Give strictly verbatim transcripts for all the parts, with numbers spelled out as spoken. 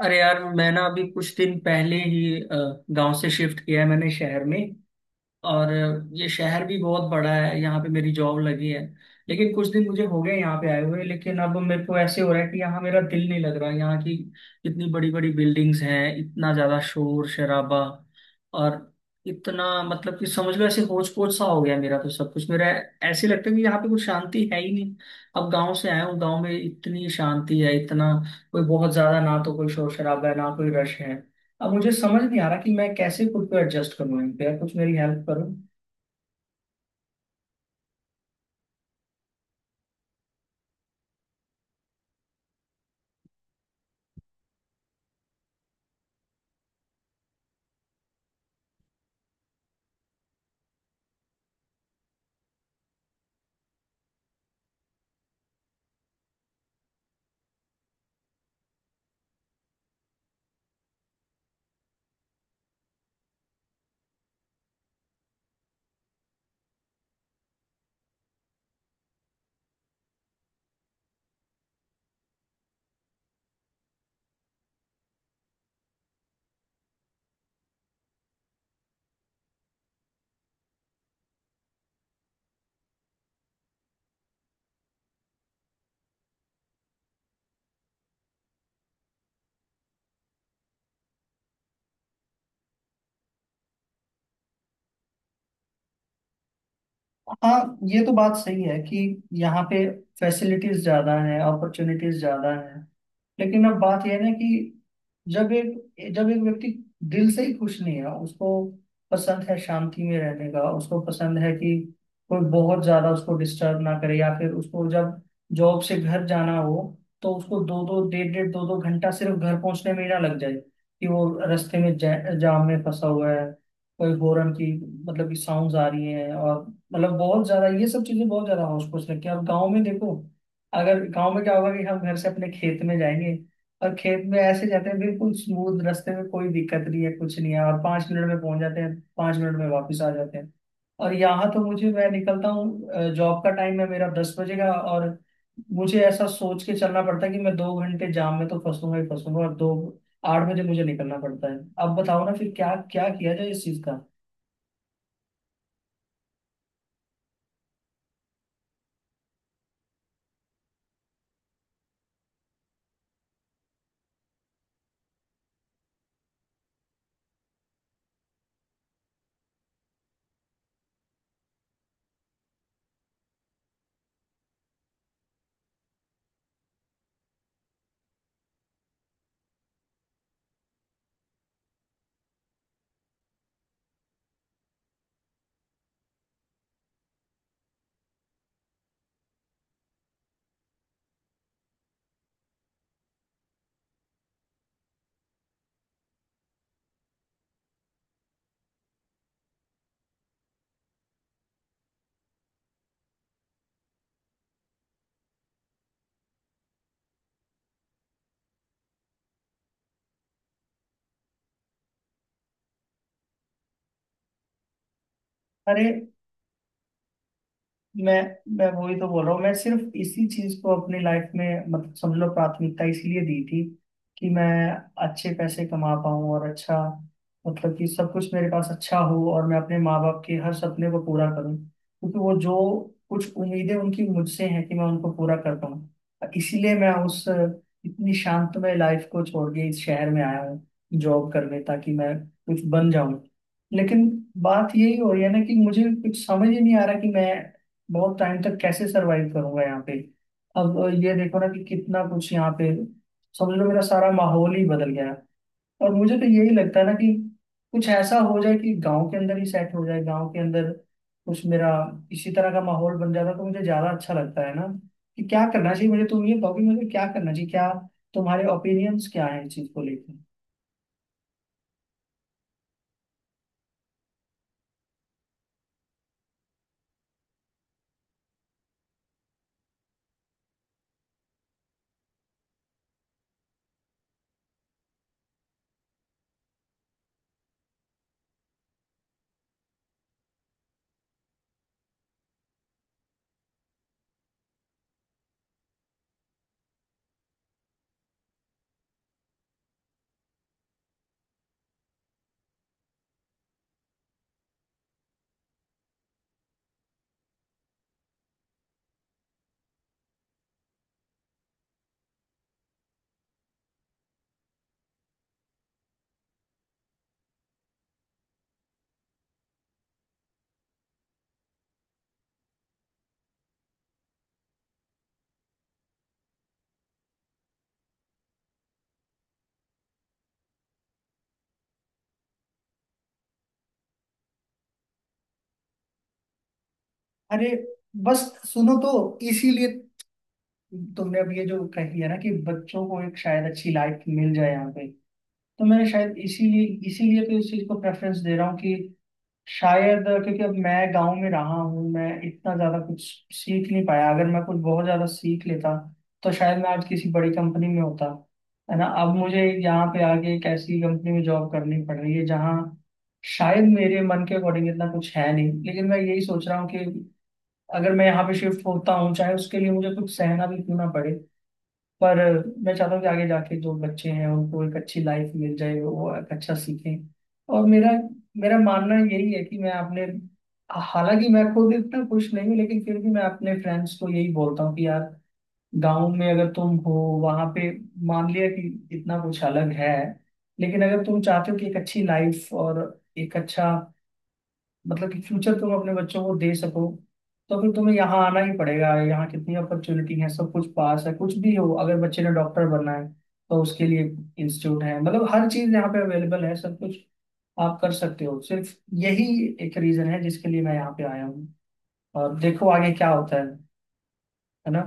अरे यार मैं ना अभी कुछ दिन पहले ही गांव से शिफ्ट किया है मैंने शहर में। और ये शहर भी बहुत बड़ा है, यहाँ पे मेरी जॉब लगी है। लेकिन कुछ दिन मुझे हो गए यहाँ पे आए हुए, लेकिन अब मेरे को ऐसे हो रहा है कि यहाँ मेरा दिल नहीं लग रहा। यहाँ की इतनी बड़ी बड़ी बिल्डिंग्स हैं, इतना ज्यादा शोर शराबा। और इतना, मतलब कि समझ लो ऐसे होच पोच सा हो गया मेरा तो सब कुछ। मेरा ऐसे लगता है कि यहाँ पे कुछ शांति है ही नहीं। अब गांव से आया हूँ, गांव में इतनी शांति है, इतना कोई बहुत ज्यादा ना, तो कोई शोर शराबा है ना कोई रश है। अब मुझे समझ नहीं आ रहा कि मैं कैसे खुद को एडजस्ट करूँ इन पे। यार कुछ मेरी हेल्प करो। हाँ ये तो बात सही है कि यहाँ पे फैसिलिटीज ज्यादा हैं, अपॉर्चुनिटीज ज्यादा हैं। लेकिन अब बात यह है ना कि जब एक जब एक व्यक्ति दिल से ही खुश नहीं है, उसको पसंद है शांति में रहने का, उसको पसंद है कि कोई बहुत ज्यादा उसको डिस्टर्ब ना करे। या फिर उसको जब जॉब से घर जाना हो, तो उसको दो दो डेढ़ डेढ़ दो दो घंटा सिर्फ घर पहुंचने में ही ना लग जाए। कि वो रास्ते में जा, जाम में फंसा हुआ है, कोई गोरन की मतलब की साउंड आ रही है। और मतलब बहुत ज्यादा ये सब चीजें बहुत ज्यादा होश पोश रखी है। और गाँव में देखो, अगर गाँव में क्या होगा कि हम घर से अपने खेत में जाएंगे और खेत में ऐसे जाते हैं, बिल्कुल स्मूथ रास्ते में कोई दिक्कत नहीं है कुछ नहीं है, और पाँच मिनट में पहुंच जाते हैं, पाँच मिनट में वापस आ जाते हैं। और यहाँ तो मुझे, मैं निकलता हूँ, जॉब का टाइम है मेरा दस बजे का, और मुझे ऐसा सोच के चलना पड़ता है कि मैं दो घंटे जाम में तो फंसूंगा ही फंसूंगा। और दो, आठ बजे मुझे निकलना पड़ता है। अब बताओ ना फिर क्या क्या किया जाए इस चीज का। अरे मैं मैं वही तो बोल रहा हूँ। मैं सिर्फ इसी चीज को अपनी लाइफ में, मतलब समझ लो, प्राथमिकता इसलिए दी थी कि मैं अच्छे पैसे कमा पाऊँ और अच्छा, मतलब कि सब कुछ मेरे पास अच्छा हो। और मैं अपने माँ बाप के हर सपने को पूरा करूँ, क्योंकि वो जो कुछ उम्मीदें उनकी मुझसे हैं कि मैं उनको पूरा कर पाऊँ, इसीलिए मैं उस इतनी शांतमय लाइफ को छोड़ के इस शहर में आया हूँ जॉब करने, ताकि मैं कुछ बन जाऊं। लेकिन बात यही हो रही है ना कि मुझे कुछ समझ ही नहीं आ रहा कि मैं बहुत टाइम तक कैसे सरवाइव करूंगा यहाँ पे। अब अ, ये देखो ना कि कितना कुछ यहाँ पे, समझ लो मेरा सारा माहौल ही बदल गया है। और मुझे तो यही लगता है ना कि कुछ ऐसा हो जाए कि गांव के अंदर ही सेट हो जाए। गांव के अंदर कुछ मेरा इसी तरह का माहौल बन जाता तो मुझे ज्यादा अच्छा लगता है ना। कि क्या करना चाहिए मुझे, तुम ये कहो कि मुझे क्या करना चाहिए, क्या तुम्हारे ओपिनियंस क्या है इस चीज को लेकर। अरे बस सुनो तो, इसीलिए तुमने अब ये जो कही है ना कि बच्चों को एक शायद अच्छी लाइफ मिल जाए यहाँ पे, तो मैंने शायद इसीलिए, इसीलिए तो इस चीज को प्रेफरेंस दे रहा हूँ कि शायद अ, क्योंकि अब मैं गांव में रहा हूँ, मैं इतना ज्यादा कुछ सीख नहीं पाया। अगर मैं कुछ बहुत ज्यादा सीख लेता तो शायद मैं आज किसी बड़ी कंपनी में होता, है ना। अब मुझे यहाँ पे आके एक ऐसी कंपनी में जॉब करनी पड़ रही है जहाँ शायद मेरे मन के अकॉर्डिंग इतना कुछ है नहीं। लेकिन मैं यही सोच रहा हूँ कि अगर मैं यहाँ पे शिफ्ट होता हूँ चाहे उसके लिए मुझे कुछ सहना भी क्यों ना पड़े, पर मैं चाहता हूँ कि आगे जाके जो बच्चे हैं उनको एक अच्छी लाइफ मिल जाए, वो एक अच्छा सीखें। और मेरा मेरा मानना यही है कि मैं अपने, हालांकि मैं खुद इतना खुश नहीं हूँ, लेकिन फिर भी मैं अपने फ्रेंड्स को यही बोलता हूँ कि यार, गांव में अगर तुम हो वहां पे, मान लिया कि इतना कुछ अलग है, लेकिन अगर तुम चाहते हो कि एक अच्छी लाइफ और एक अच्छा मतलब कि फ्यूचर तुम अपने बच्चों को दे सको, तो फिर तुम्हें यहाँ आना ही पड़ेगा। यहाँ कितनी अपॉर्चुनिटी है, सब कुछ पास है। कुछ भी हो, अगर बच्चे ने डॉक्टर बनना है तो उसके लिए इंस्टीट्यूट है, मतलब हर चीज यहाँ पे अवेलेबल है, सब कुछ आप कर सकते हो। सिर्फ यही एक रीजन है जिसके लिए मैं यहाँ पे आया हूँ, और देखो आगे क्या होता है है ना।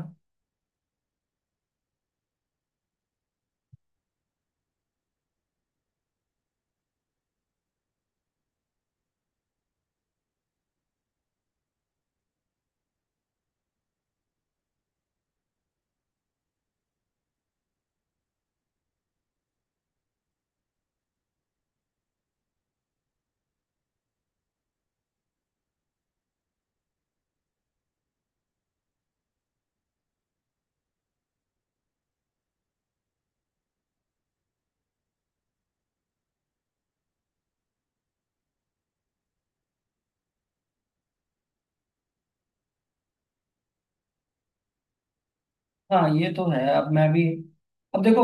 हाँ ये तो है। अब मैं भी, अब देखो,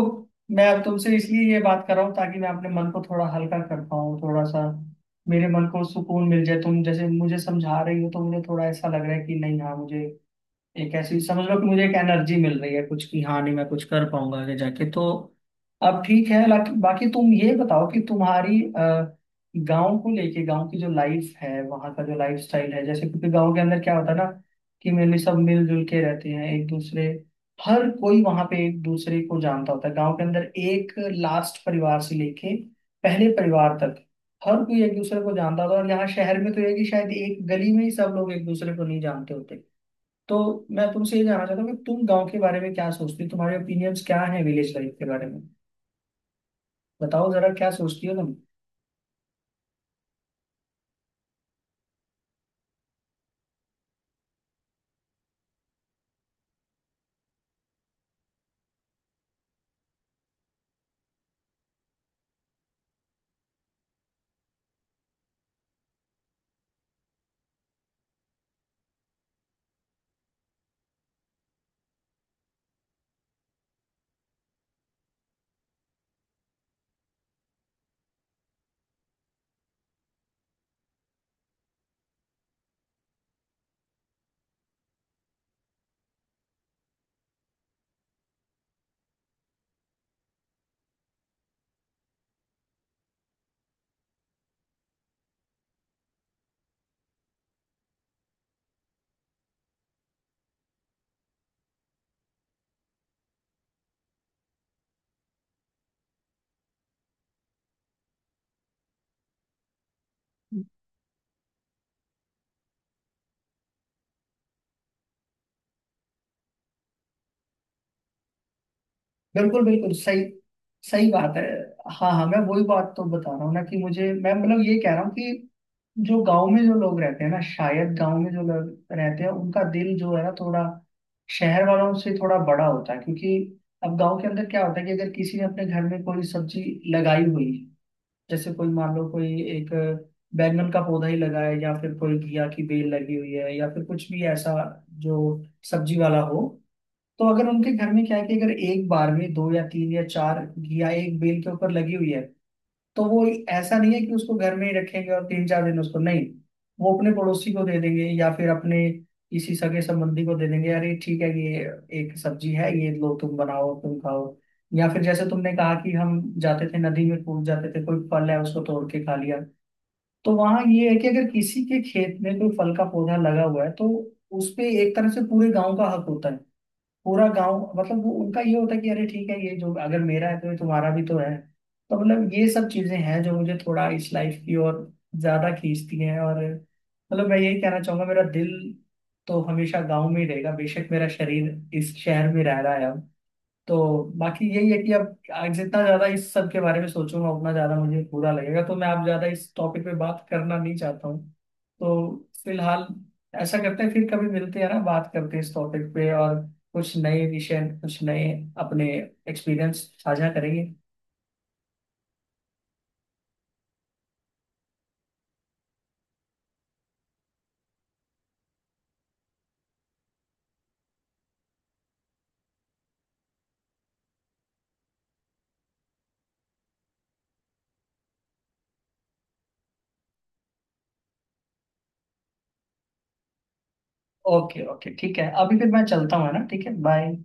मैं अब तुमसे इसलिए ये बात कर रहा हूँ ताकि मैं अपने मन को थोड़ा हल्का कर पाऊँ, थोड़ा सा मेरे मन को सुकून मिल जाए। तुम जैसे मुझे समझा रही हो तो मुझे थोड़ा ऐसा लग रहा है कि नहीं, हाँ मुझे एक ऐसी, समझ लो कि मुझे एक एनर्जी मिल रही है कुछ की, हाँ नहीं मैं कुछ कर पाऊंगा आगे जाके तो। अब ठीक है, लाकि- बाकी तुम ये बताओ कि तुम्हारी, गांव को लेके गांव की जो लाइफ है, वहाँ का जो लाइफ स्टाइल है, जैसे क्योंकि गांव के अंदर क्या होता है ना कि मेनली सब मिलजुल के रहते हैं एक दूसरे, हर कोई वहाँ पे एक दूसरे को जानता होता है। गांव के अंदर एक लास्ट परिवार से लेके पहले परिवार तक हर कोई एक दूसरे को जानता होता है। और यहाँ शहर में तो ये है कि शायद एक गली में ही सब लोग एक दूसरे को नहीं जानते होते। तो मैं तुमसे ये जानना चाहता हूँ कि तुम गांव के बारे में क्या सोचती हो, तुम्हारे ओपिनियंस क्या हैं विलेज लाइफ के बारे में। बताओ जरा क्या सोचती हो तुम। बिल्कुल बिल्कुल सही। सही बात है। हाँ हाँ मैं वही बात तो बता रहा हूँ ना कि मुझे, मैं मतलब ये कह रहा हूँ कि जो गांव में जो लोग रहते हैं ना, शायद गांव में जो लोग रहते हैं उनका दिल जो है ना, थोड़ा शहर वालों से थोड़ा बड़ा होता है। क्योंकि अब गांव के अंदर क्या होता है कि अगर किसी ने अपने घर में कोई सब्जी लगाई हुई, जैसे कोई मान लो कोई एक बैंगन का पौधा ही लगा है, या फिर कोई घिया की बेल लगी हुई है, या फिर कुछ भी ऐसा जो सब्जी वाला हो, तो अगर उनके घर में क्या है कि अगर एक बार में दो या तीन या चार घिया एक बेल के ऊपर लगी हुई है, तो वो ऐसा नहीं है कि उसको घर में ही रखेंगे और तीन चार दिन उसको नहीं, वो अपने पड़ोसी को दे देंगे या फिर अपने किसी सगे संबंधी को दे देंगे। अरे ठीक है ये एक सब्जी है, ये लो तुम बनाओ तुम खाओ। या फिर जैसे तुमने कहा कि हम जाते थे नदी में कूद जाते थे, कोई फल है उसको तोड़ के खा लिया। तो वहाँ ये है कि अगर किसी के खेत में कोई फल का पौधा लगा हुआ है, तो उस पे एक तरह से पूरे गांव का हक होता है। पूरा गांव, मतलब वो उनका ये होता है कि अरे ठीक है ये जो अगर मेरा है तो ये तुम्हारा भी तो है। तो मतलब ये सब चीजें हैं जो मुझे थोड़ा इस लाइफ की ओर ज्यादा खींचती हैं। और मतलब मैं यही कहना चाहूंगा, मेरा दिल तो हमेशा गांव में ही रहेगा। बेशक मेरा शरीर इस शहर में रह रहा है अब। तो बाकी यही है कि अब आ- जितना ज्यादा इस सब के बारे में सोचूंगा उतना ज्यादा मुझे बुरा लगेगा, तो मैं आप ज्यादा इस टॉपिक पे बात करना नहीं चाहता हूँ। तो फिलहाल ऐसा करते हैं, फिर कभी मिलते हैं ना, बात करते हैं इस टॉपिक पे और कुछ नए विषय, कुछ नए अपने एक्सपीरियंस साझा करेंगे। ओके ओके ठीक है, अभी फिर मैं चलता हूँ, है ना, ठीक है बाय।